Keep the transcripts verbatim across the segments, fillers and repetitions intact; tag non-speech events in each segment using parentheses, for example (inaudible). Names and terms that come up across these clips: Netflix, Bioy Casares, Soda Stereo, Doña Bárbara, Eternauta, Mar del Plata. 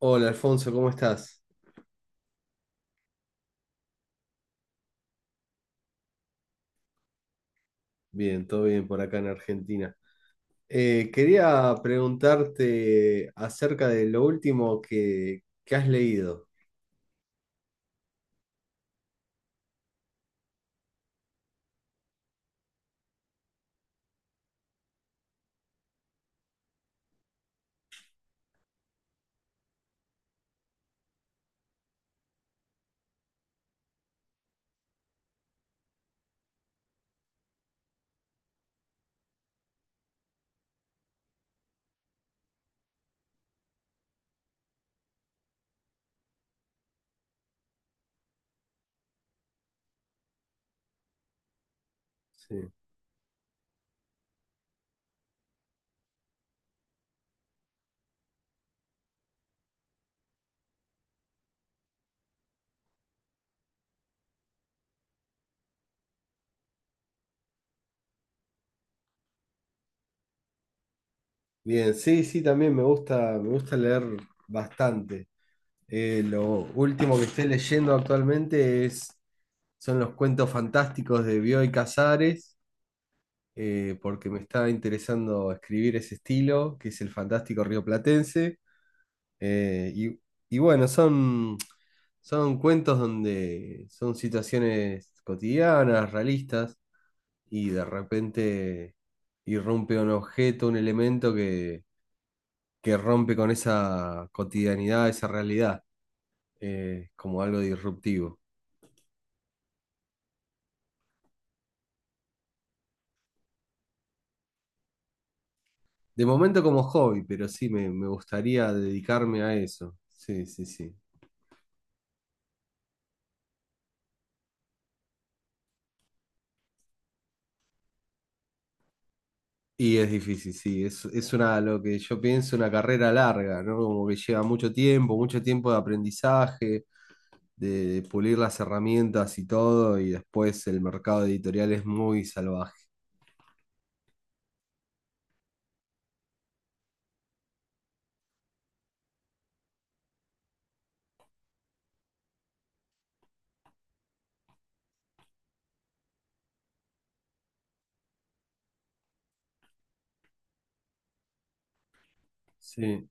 Hola Alfonso, ¿cómo estás? Bien, todo bien por acá en Argentina. Eh, quería preguntarte acerca de lo último que, que has leído. Sí. Bien, sí, sí, también me gusta, me gusta leer bastante. Eh, lo último que estoy leyendo actualmente es, son los cuentos fantásticos de Bioy Casares, eh, porque me está interesando escribir ese estilo, que es el fantástico rioplatense. Eh, y, y bueno, son, son cuentos donde son situaciones cotidianas, realistas, y de repente irrumpe un objeto, un elemento que, que rompe con esa cotidianidad, esa realidad, eh, como algo disruptivo. De momento como hobby, pero sí, me, me gustaría dedicarme a eso. Sí, sí, sí. Y es difícil, sí, es, es una, lo que yo pienso, una carrera larga, ¿no? Como que lleva mucho tiempo, mucho tiempo de aprendizaje, de, de pulir las herramientas y todo, y después el mercado editorial es muy salvaje. Sí,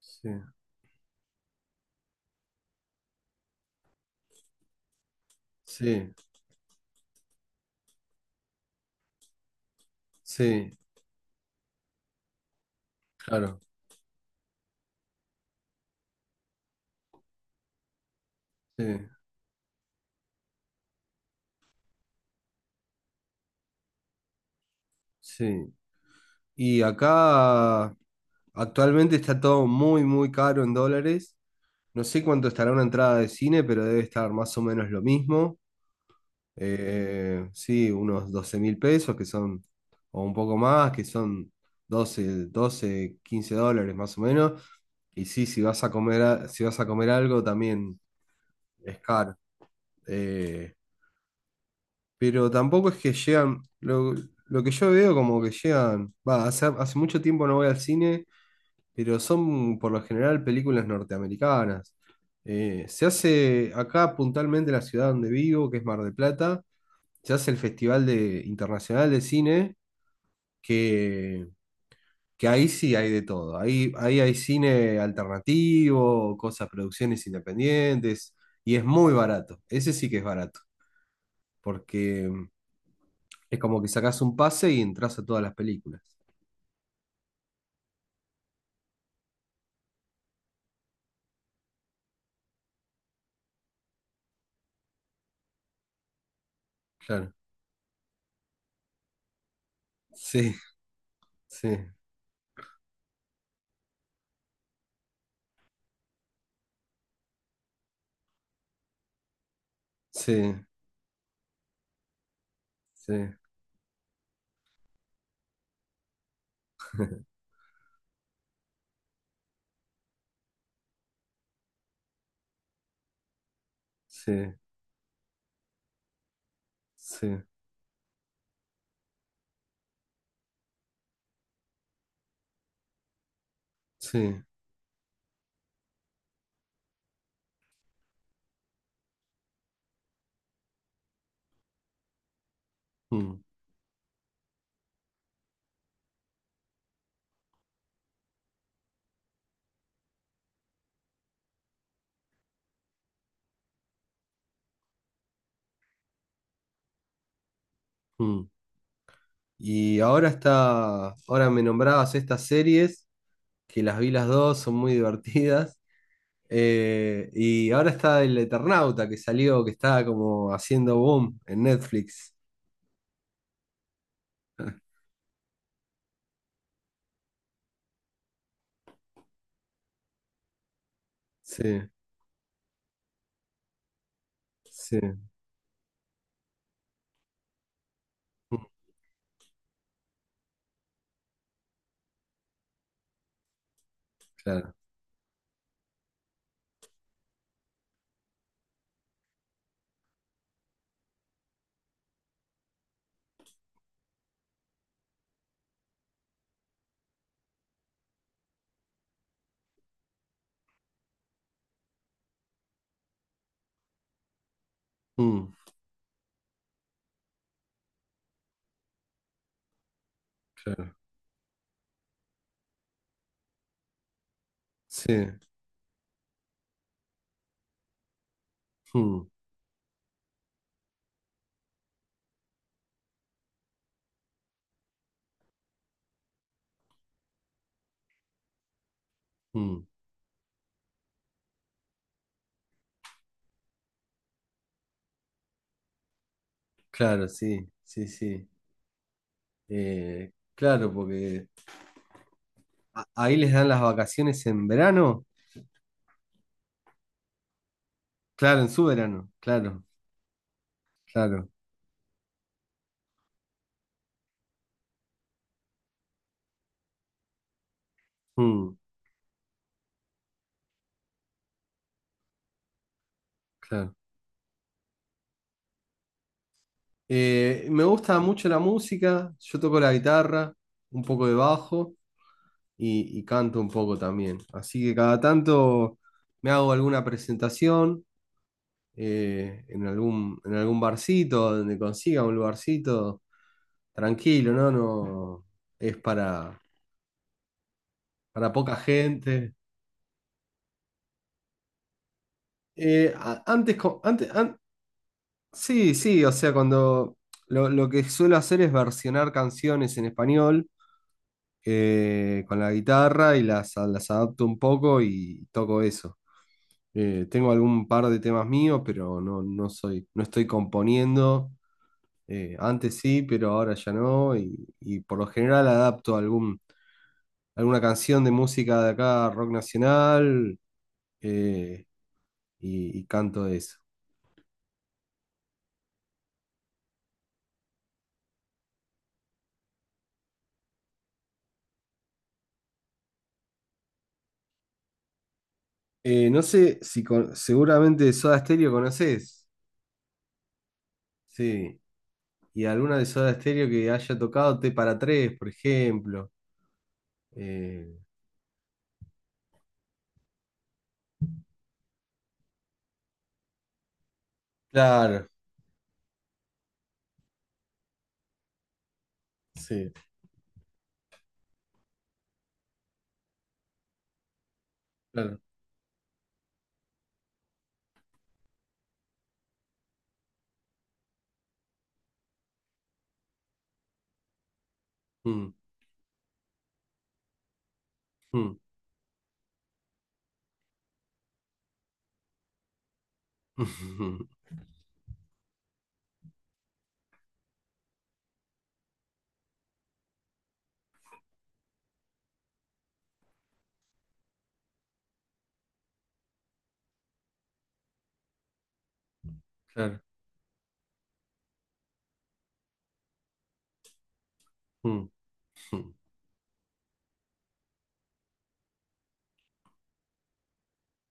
sí, sí, sí, claro, sí, sí. Y acá actualmente está todo muy, muy caro en dólares. No sé cuánto estará una entrada de cine, pero debe estar más o menos lo mismo. Eh, sí, unos doce mil pesos que son, o un poco más, que son doce doce quince dólares más o menos. Y sí, si vas a comer, a- si vas a comer algo también es caro. Eh, pero tampoco es que llegan, lo, lo que yo veo como que llegan, va, hace, hace mucho tiempo no voy al cine, pero son por lo general películas norteamericanas. Eh, se hace acá puntualmente en la ciudad donde vivo, que es Mar del Plata. Se hace el Festival de, Internacional de Cine, que, que ahí sí hay de todo. Ahí, ahí hay cine alternativo, cosas, producciones independientes, y es muy barato. Ese sí que es barato, porque mm, es como que sacás un pase y entras a todas las películas. Claro. Sí, sí, sí, sí, sí, sí, sí. Mm, mm. Y ahora está, ahora me nombrabas estas series, que las vi las dos, son muy divertidas. Eh, y ahora está el Eternauta que salió, que está como haciendo boom en Netflix. Sí, sí, mm, claro, mm, claro, sí, mm, mm, claro, sí, sí, sí. Eh, claro, porque a- ahí les dan las vacaciones en verano, claro, en su verano, claro, claro, mm, claro. Eh, me gusta mucho la música, yo toco la guitarra, un poco de bajo. y, y canto un poco también. Así que cada tanto me hago alguna presentación eh, en algún, en algún, barcito, donde consiga un lugarcito tranquilo, ¿no? No es para, para poca gente. Eh, a- antes, co- antes, an- Sí, sí, o sea, cuando lo, lo que suelo hacer es versionar canciones en español eh, con la guitarra y las, las adapto un poco y toco eso. Eh, tengo algún par de temas míos, pero no, no soy, no estoy componiendo. Eh, antes sí, pero ahora ya no. Y, y por lo general adapto algún, alguna canción de música de acá, rock nacional, eh, y, y canto eso. Eh, no sé si con- seguramente Soda Stereo conoces. Sí. Y alguna de Soda Stereo que haya tocado te para tres, por ejemplo. Eh, claro, sí, claro. Mm, mm, (laughs) Claro. Mm. Mm.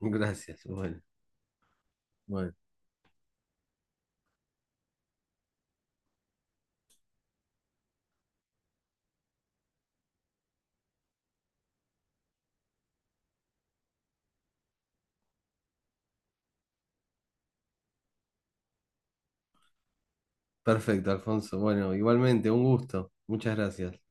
Gracias. Bueno, Bueno, perfecto, Alfonso. Bueno, igualmente, un gusto. Muchas gracias.